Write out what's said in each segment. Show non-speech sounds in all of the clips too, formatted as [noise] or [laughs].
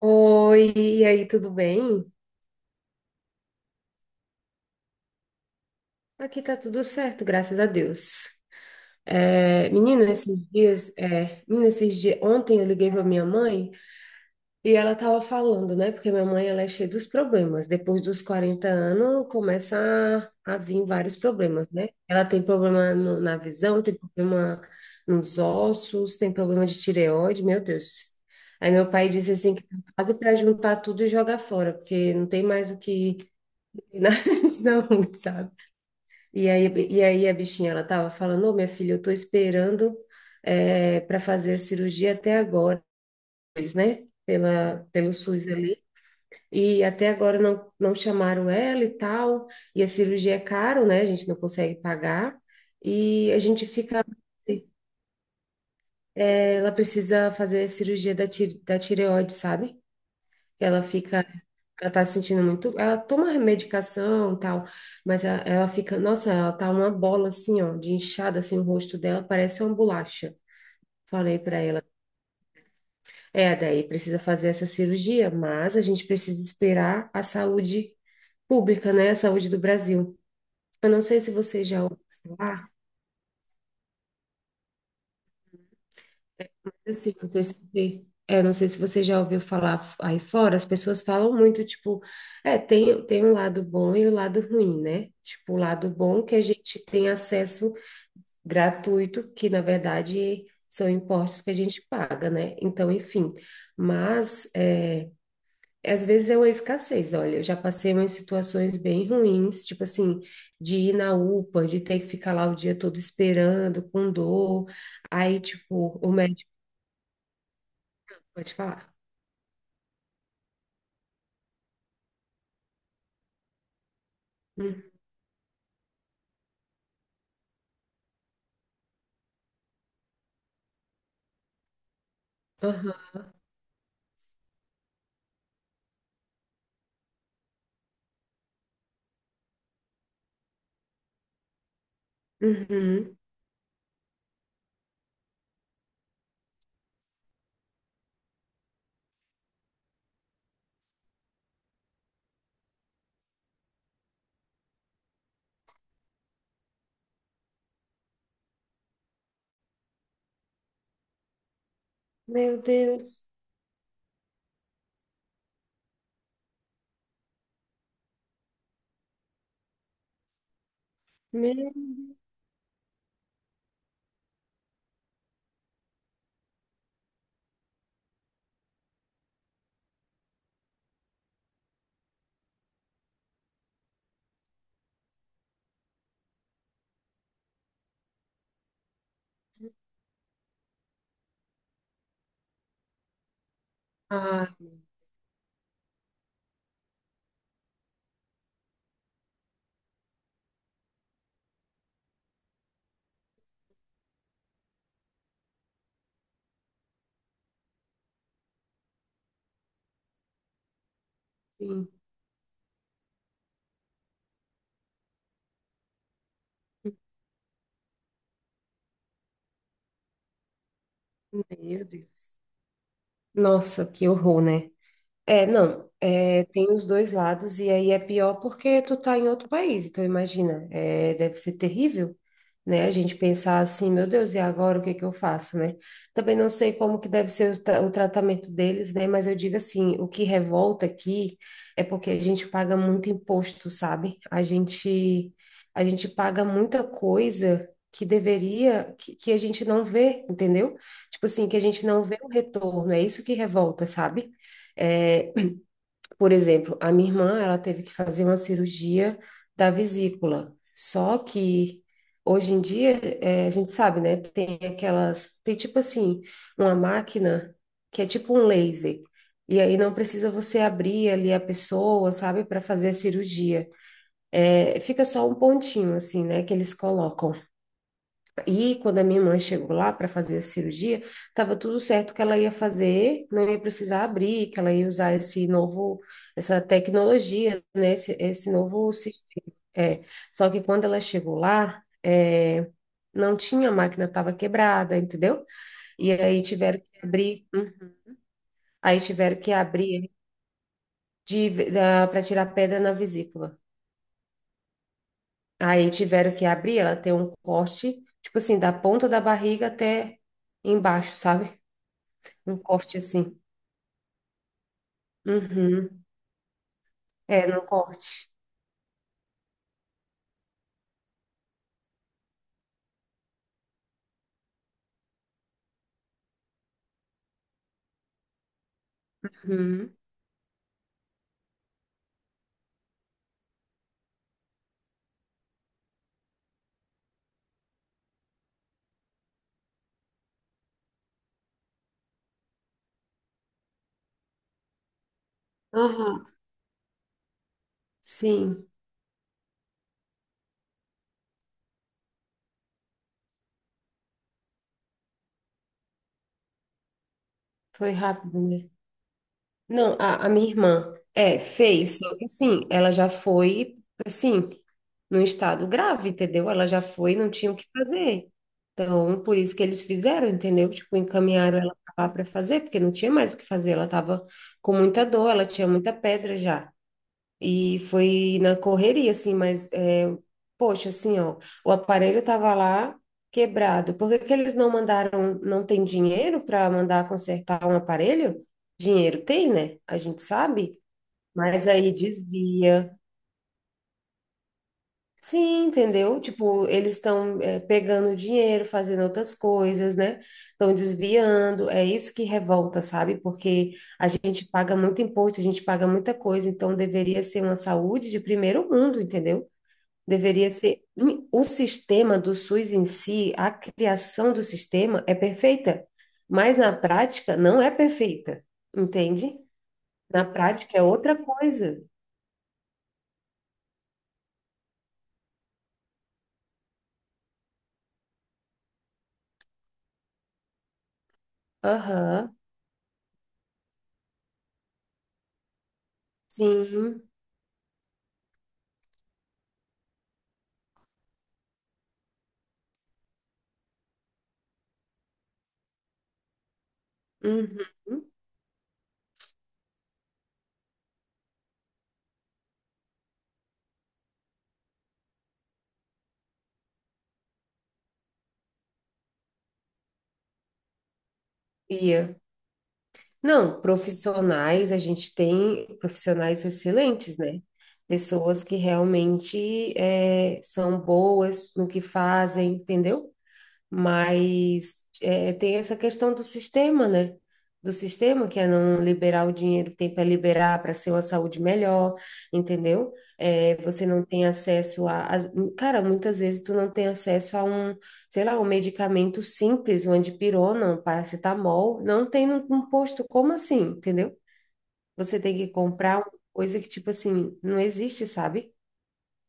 Oi, e aí, tudo bem? Aqui tá tudo certo, graças a Deus. É, menina, esses dias, ontem eu liguei pra minha mãe e ela tava falando, né? Porque minha mãe, ela é cheia dos problemas. Depois dos 40 anos, começa a vir vários problemas, né? Ela tem problema na visão, tem problema nos ossos, tem problema de tireoide, meu Deus. Aí meu pai disse assim que tá pago pra juntar tudo e jogar fora, porque não tem mais o que. Não. [laughs] Sabe? E aí, a bichinha, ela tava falando: ô, minha filha, eu tô esperando para fazer a cirurgia até agora, eles, né? Pelo SUS ali. E até agora não chamaram ela e tal. E a cirurgia é caro, né? A gente não consegue pagar. E a gente fica. eh, Ela precisa fazer a cirurgia da tireoide, sabe? que ela fica, Ela tá se sentindo muito, ela toma medicação e tal, mas ela, fica, nossa, ela tá uma bola assim, ó, de inchada assim, o rosto dela parece uma bolacha. Falei para ela, daí precisa fazer essa cirurgia, mas a gente precisa esperar a saúde pública, né, a saúde do Brasil. Eu não sei se você já ouviu falar, Assim, não sei se você, é, não sei se você já ouviu falar aí fora, as pessoas falam muito, tipo, tem, um lado bom e o lado ruim, né? Tipo, o lado bom que a gente tem acesso gratuito, que na verdade são impostos que a gente paga, né? Então, enfim, mas às vezes é uma escassez. Olha, eu já passei umas situações bem ruins, tipo assim, de ir na UPA, de ter que ficar lá o dia todo esperando, com dor, aí, tipo, o médico pode falar. Aham. Uhum. Meu Deus. Meu... Ai, sim. Meu Deus. Nossa, que horror, né? É, não, tem os dois lados, e aí é pior porque tu tá em outro país, então imagina, deve ser terrível, né? A gente pensar assim, meu Deus, e agora o que é que eu faço, né? Também não sei como que deve ser o tratamento deles, né? Mas eu digo assim, o que revolta aqui é porque a gente paga muito imposto, sabe? A gente paga muita coisa que deveria, que a gente não vê, entendeu? Tipo assim, que a gente não vê o retorno, é isso que revolta, sabe? É, por exemplo, a minha irmã, ela teve que fazer uma cirurgia da vesícula. Só que hoje em dia, a gente sabe, né? Tem tipo assim, uma máquina que é tipo um laser. E aí não precisa você abrir ali a pessoa, sabe, para fazer a cirurgia. Fica só um pontinho assim, né, que eles colocam. E quando a minha mãe chegou lá para fazer a cirurgia, estava tudo certo que ela ia fazer, não ia precisar abrir, que ela ia usar essa tecnologia, né? Esse novo sistema. É. Só que quando ela chegou lá, não tinha, a máquina estava quebrada, entendeu? E aí tiveram que abrir de, para tirar pedra na vesícula. Aí tiveram que abrir, ela tem um corte, tipo assim, da ponta da barriga até embaixo, sabe? Um corte assim. Uhum. É, num corte. Uhum. Aham. Sim, foi rápido, né? Não, a minha irmã, fez, só que assim, ela já foi, assim, num estado grave, entendeu? Ela já foi, não tinha o que fazer. Então, por isso que eles fizeram, entendeu? Tipo, encaminharam ela lá para fazer, porque não tinha mais o que fazer, ela tava com muita dor, ela tinha muita pedra já. E foi na correria, assim, mas, poxa, assim, ó, o aparelho tava lá quebrado. Por que que eles não mandaram, não tem dinheiro para mandar consertar um aparelho? Dinheiro tem, né? A gente sabe, mas aí desvia. Sim, entendeu? Tipo, eles estão, pegando dinheiro, fazendo outras coisas, né? Estão desviando. É isso que revolta, sabe? Porque a gente paga muito imposto, a gente paga muita coisa, então deveria ser uma saúde de primeiro mundo, entendeu? Deveria ser. O sistema do SUS em si, a criação do sistema é perfeita, mas na prática não é perfeita, entende? Na prática é outra coisa. Aham, sim. Uhum. Ia. Não, profissionais, a gente tem profissionais excelentes, né? Pessoas que realmente são boas no que fazem, entendeu? Mas tem essa questão do sistema, né? Do sistema, que é não liberar o dinheiro que tem para liberar para ser uma saúde melhor, entendeu? É, você não tem acesso Cara, muitas vezes tu não tem acesso a um, sei lá, um medicamento simples, uma dipirona, um paracetamol, não tem num posto. Como assim, entendeu? Você tem que comprar uma coisa que, tipo assim, não existe, sabe?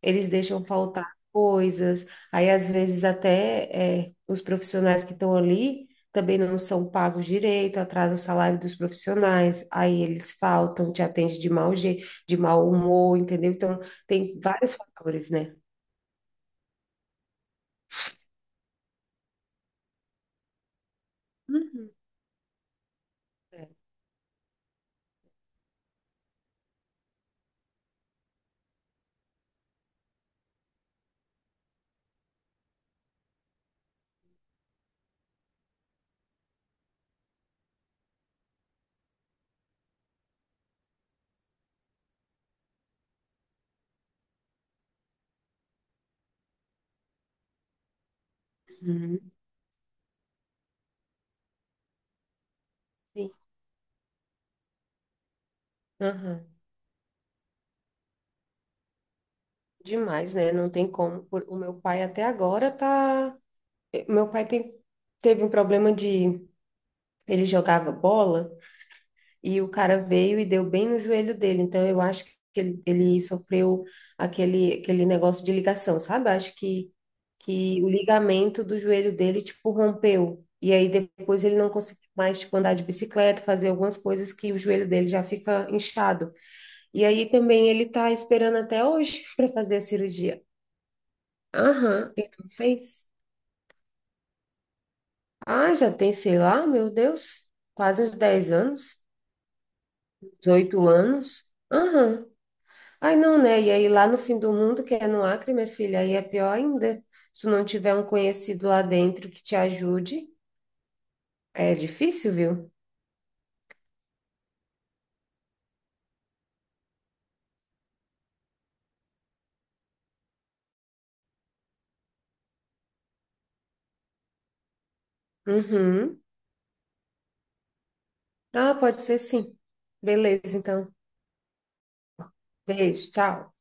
Eles deixam faltar coisas, aí às vezes até os profissionais que estão ali também não são pagos direito, atrasa o salário dos profissionais, aí eles faltam, te atende de mau jeito, de mau humor, entendeu? Então, tem vários fatores, né? Uhum. É. Uhum. Sim. Aham. Demais, né? Não tem como. O meu pai até agora tá. Meu pai tem. Teve um problema de. Ele jogava bola e o cara veio e deu bem no joelho dele. Então eu acho que ele sofreu aquele negócio de ligação, sabe? Eu acho que o ligamento do joelho dele, tipo, rompeu. E aí depois ele não conseguiu mais, tipo, andar de bicicleta, fazer algumas coisas que o joelho dele já fica inchado. E aí também ele tá esperando até hoje [laughs] para fazer a cirurgia. Aham, ele não fez. Ah, já tem, sei lá, meu Deus, quase uns 10 anos, 18 anos. Aham. Ai, não, né? E aí lá no fim do mundo, que é no Acre, minha filha, aí é pior ainda. Se tu não tiver um conhecido lá dentro que te ajude, é difícil, viu? Uhum. Ah, pode ser sim. Beleza, então. Beijo, tchau.